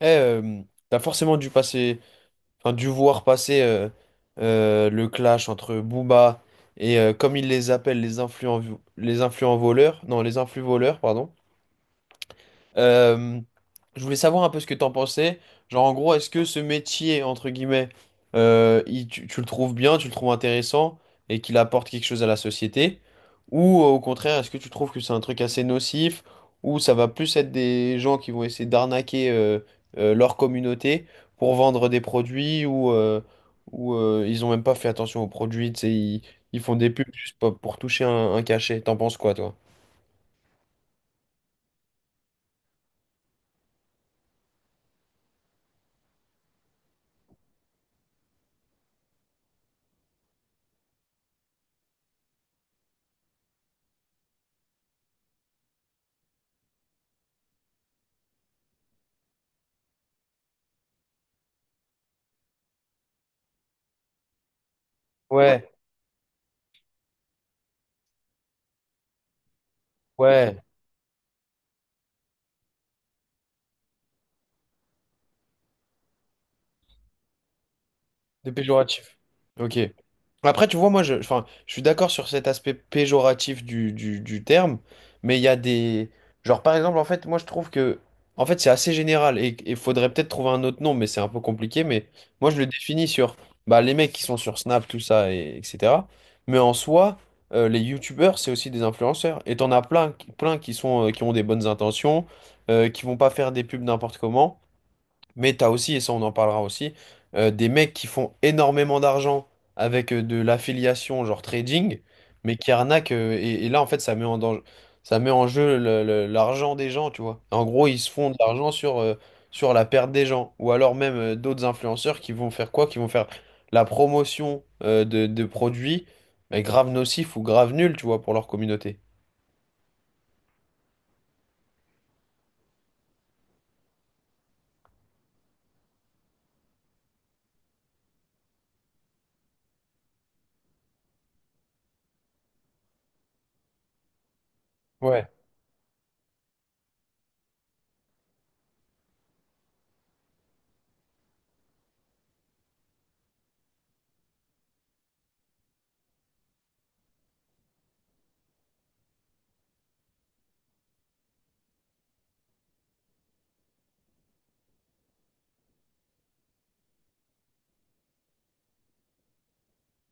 Eh, t'as forcément dû passer, enfin, dû voir passer le clash entre Booba et comme ils les appellent les influents voleurs, non, les influx voleurs, pardon. Euh, je voulais savoir un peu ce que t'en pensais. Genre, en gros, est-ce que ce métier, entre guillemets, tu le trouves bien, tu le trouves intéressant et qu'il apporte quelque chose à la société? Ou au contraire, est-ce que tu trouves que c'est un truc assez nocif ou ça va plus être des gens qui vont essayer d'arnaquer leur communauté pour vendre des produits ou ils ont même pas fait attention aux produits, tu sais, ils font des pubs juste pour toucher un cachet. T'en penses quoi, toi? Ouais, ouais. De péjoratif. Ok. Après, tu vois, moi, je, enfin, je suis d'accord sur cet aspect péjoratif du terme, mais il y a des. Genre, par exemple, en fait, moi, je trouve que. En fait, c'est assez général et il faudrait peut-être trouver un autre nom, mais c'est un peu compliqué. Mais moi, je le définis sur bah, les mecs qui sont sur Snap, tout ça, et, etc. Mais en soi, les youtubeurs, c'est aussi des influenceurs. Et t'en as plein, qui sont, qui ont des bonnes intentions, qui vont pas faire des pubs n'importe comment. Mais t'as aussi, et ça on en parlera aussi, des mecs qui font énormément d'argent avec de l'affiliation, genre trading, mais qui arnaquent. Et là, en fait, ça met en danger, ça met en jeu l'argent des gens, tu vois. En gros, ils se font de l'argent sur la perte des gens. Ou alors même d'autres influenceurs qui vont faire quoi? Qui vont faire la promotion de produits mais grave nocifs ou grave nuls, tu vois, pour leur communauté. Ouais.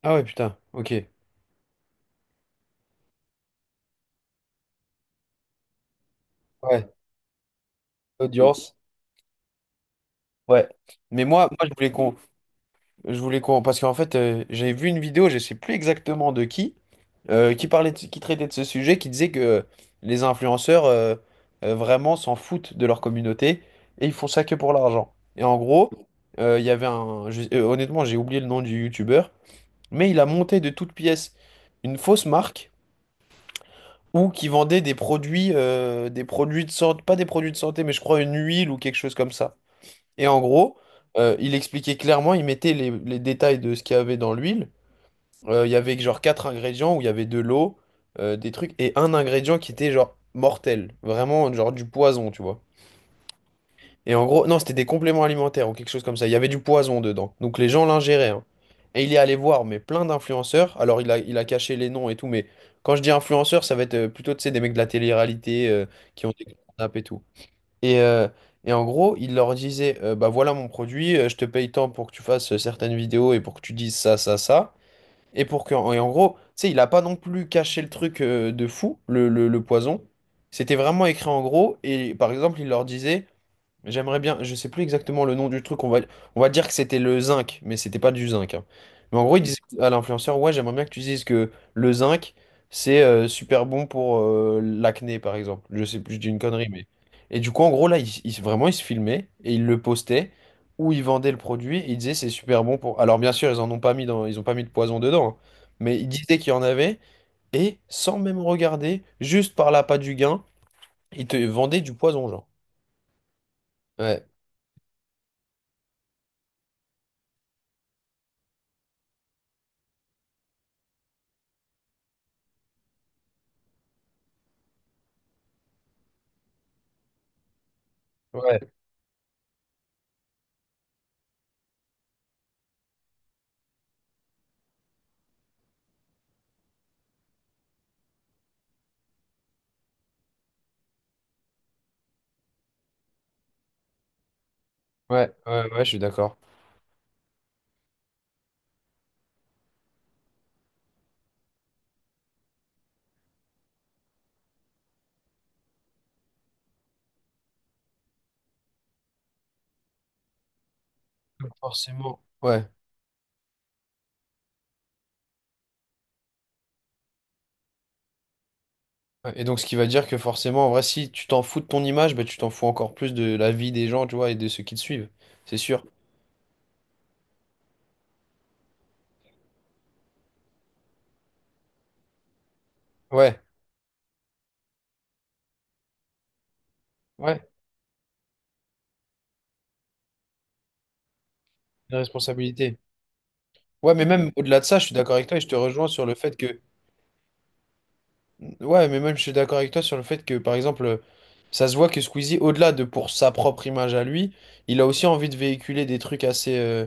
Ah ouais, putain, ok. Ouais. Audience. Ouais. Mais moi je voulais qu'on. Je voulais qu'on. Parce qu'en fait, j'avais vu une vidéo, je sais plus exactement de qui parlait de- qui traitait de ce sujet, qui disait que les influenceurs vraiment s'en foutent de leur communauté et ils font ça que pour l'argent. Et en gros, il y avait un. Honnêtement, j'ai oublié le nom du youtubeur, mais il a monté de toutes pièces une fausse marque ou qui vendait des produits de santé, pas des produits de santé, mais je crois une huile ou quelque chose comme ça. Et en gros, il expliquait clairement, il mettait les détails de ce qu'il y avait dans l'huile. Il y avait que genre quatre ingrédients où il y avait de l'eau, des trucs, et un ingrédient qui était genre mortel. Vraiment, genre du poison, tu vois. Et en gros, non, c'était des compléments alimentaires ou quelque chose comme ça. Il y avait du poison dedans. Donc les gens l'ingéraient, hein. Et il est allé voir, mais plein d'influenceurs. Alors il a caché les noms et tout, mais quand je dis influenceurs, ça va être plutôt, tu sais, des mecs de la télé-réalité qui ont des grandes nappes et tout. Et, euh, et en gros, il leur disait, bah voilà mon produit, je te paye tant pour que tu fasses certaines vidéos et pour que tu dises ça, ça, ça. Et pour que, et en gros, tu sais, il a pas non plus caché le truc de fou, le poison. C'était vraiment écrit en gros. Et par exemple, il leur disait. J'aimerais bien, je sais plus exactement le nom du truc, on va dire que c'était le zinc, mais c'était pas du zinc, hein. Mais en gros, il disait à l'influenceur, ouais, j'aimerais bien que tu dises que le zinc, c'est super bon pour l'acné, par exemple. Je sais plus, je dis une connerie, mais. Et du coup, en gros, là, vraiment, il se filmait et il le postait, ou il vendait le produit, et il disait c'est super bon pour. Alors, bien sûr, ils en ont pas mis dans, ils ont pas mis de poison dedans, hein. Mais il disait qu'il y en avait, et sans même regarder, juste par l'appât du gain, il te vendait du poison, genre. Ouais. Ouais. Ouais, ouais, ouais, je suis d'accord. Donc, forcément. Ouais. Ouais. Et donc, ce qui va dire que forcément, en vrai, si tu t'en fous de ton image, bah, tu t'en fous encore plus de la vie des gens, tu vois, et de ceux qui te suivent. C'est sûr. Ouais, ouais, une responsabilité. Ouais, mais même au-delà de ça, je suis d'accord avec toi et je te rejoins sur le fait que. Ouais, mais même je suis d'accord avec toi sur le fait que, par exemple, ça se voit que Squeezie, au-delà de pour sa propre image à lui, il a aussi envie de véhiculer des trucs assez, euh,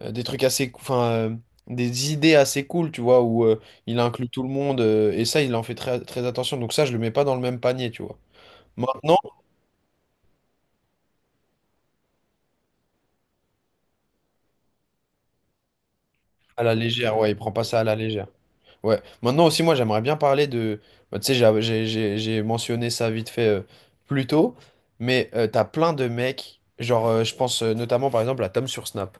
euh, des trucs assez, des idées assez cool, tu vois, où il inclut tout le monde et ça, il en fait très, très attention. Donc ça, je le mets pas dans le même panier, tu vois. Maintenant, à la légère, ouais, il prend pas ça à la légère. Ouais. Maintenant aussi, moi, j'aimerais bien parler de. Bah, tu sais, j'ai mentionné ça vite fait plus tôt, mais t'as plein de mecs. Genre, je pense notamment par exemple à Tom sur Snap.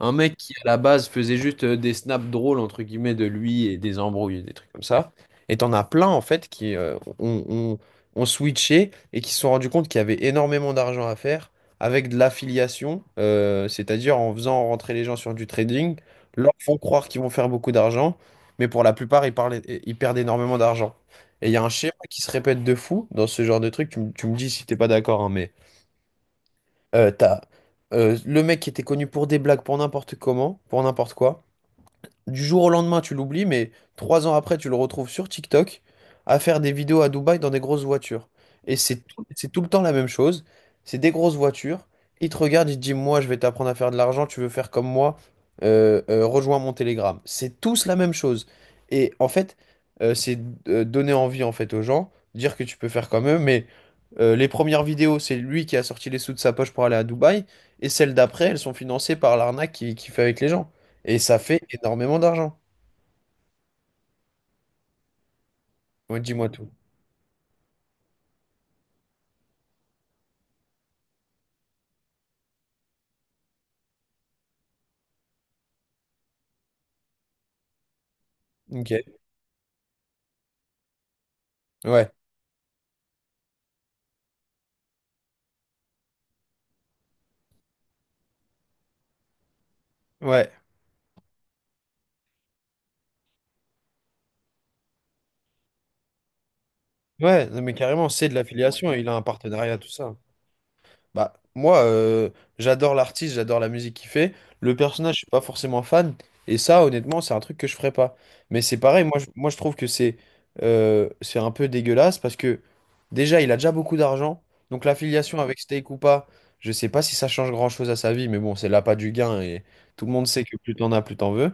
Un mec qui à la base faisait juste des snaps drôles, entre guillemets, de lui et des embrouilles, des trucs comme ça. Et t'en as plein en fait qui ont switché et qui se sont rendus compte qu'il y avait énormément d'argent à faire avec de l'affiliation, c'est-à-dire en faisant rentrer les gens sur du trading, leur font croire qu'ils vont faire beaucoup d'argent mais pour la plupart, ils parlent- ils perdent énormément d'argent. Et il y a un schéma qui se répète de fou dans ce genre de truc. Tu me dis si t'es pas d'accord, hein, mais t'as le mec qui était connu pour des blagues, pour n'importe comment, pour n'importe quoi du jour au lendemain, tu l'oublies, mais 3 ans après, tu le retrouves sur TikTok à faire des vidéos à Dubaï dans des grosses voitures. Et c'est tout le temps la même chose. C'est des grosses voitures. Il te regarde, il te dit, moi, je vais t'apprendre à faire de l'argent, tu veux faire comme moi, rejoins mon Telegram. C'est tous la même chose. Et en fait, c'est donner envie en fait aux gens, dire que tu peux faire comme eux, mais les premières vidéos, c'est lui qui a sorti les sous de sa poche pour aller à Dubaï, et celles d'après, elles sont financées par l'arnaque qu'il qui fait avec les gens. Et ça fait énormément d'argent. Ouais, dis-moi tout. Ok. Ouais. Ouais. Ouais, non, mais carrément, c'est de l'affiliation. Il a un partenariat, tout ça. Bah, moi, j'adore l'artiste, j'adore la musique qu'il fait. Le personnage, je suis pas forcément fan. Et ça, honnêtement, c'est un truc que je ferais pas. Mais c'est pareil, moi, je trouve que c'est un peu dégueulasse parce que déjà, il a déjà beaucoup d'argent. Donc l'affiliation avec Steak ou pas, je sais pas si ça change grand-chose à sa vie, mais bon, c'est l'appât du gain et tout le monde sait que plus t'en as, plus t'en veux.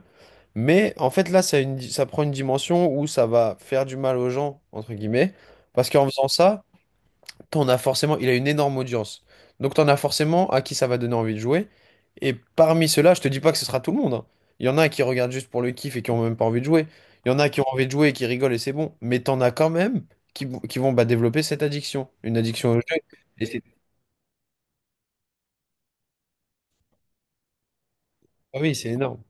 Mais en fait, là, ça, ça prend une dimension où ça va faire du mal aux gens, entre guillemets, parce qu'en faisant ça, t'en as forcément, il a une énorme audience. Donc, t'en as forcément à qui ça va donner envie de jouer. Et parmi ceux-là, je te dis pas que ce sera tout le monde, hein. Il y en a qui regardent juste pour le kiff et qui ont même pas envie de jouer. Il y en a qui ont envie de jouer et qui rigolent et c'est bon. Mais t'en as quand même qui vont bah, développer cette addiction, une addiction au jeu. Et c'est, ah oui, c'est énorme.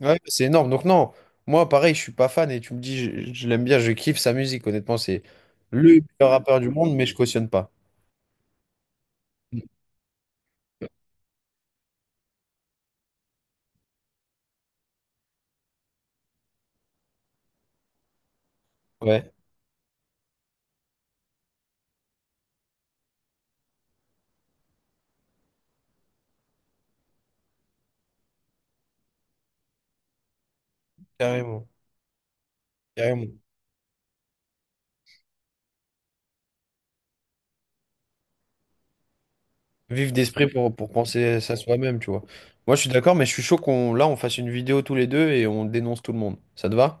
Ouais, bah, c'est énorme. Donc non, moi pareil, je suis pas fan et tu me dis je l'aime bien, je kiffe sa musique. Honnêtement, c'est le meilleur rappeur du monde, mais je cautionne pas. Ouais, carrément, carrément. Vif d'esprit pour penser ça soi-même, tu vois. Moi, je suis d'accord, mais je suis chaud qu'on là on fasse une vidéo tous les deux et on dénonce tout le monde. Ça te va?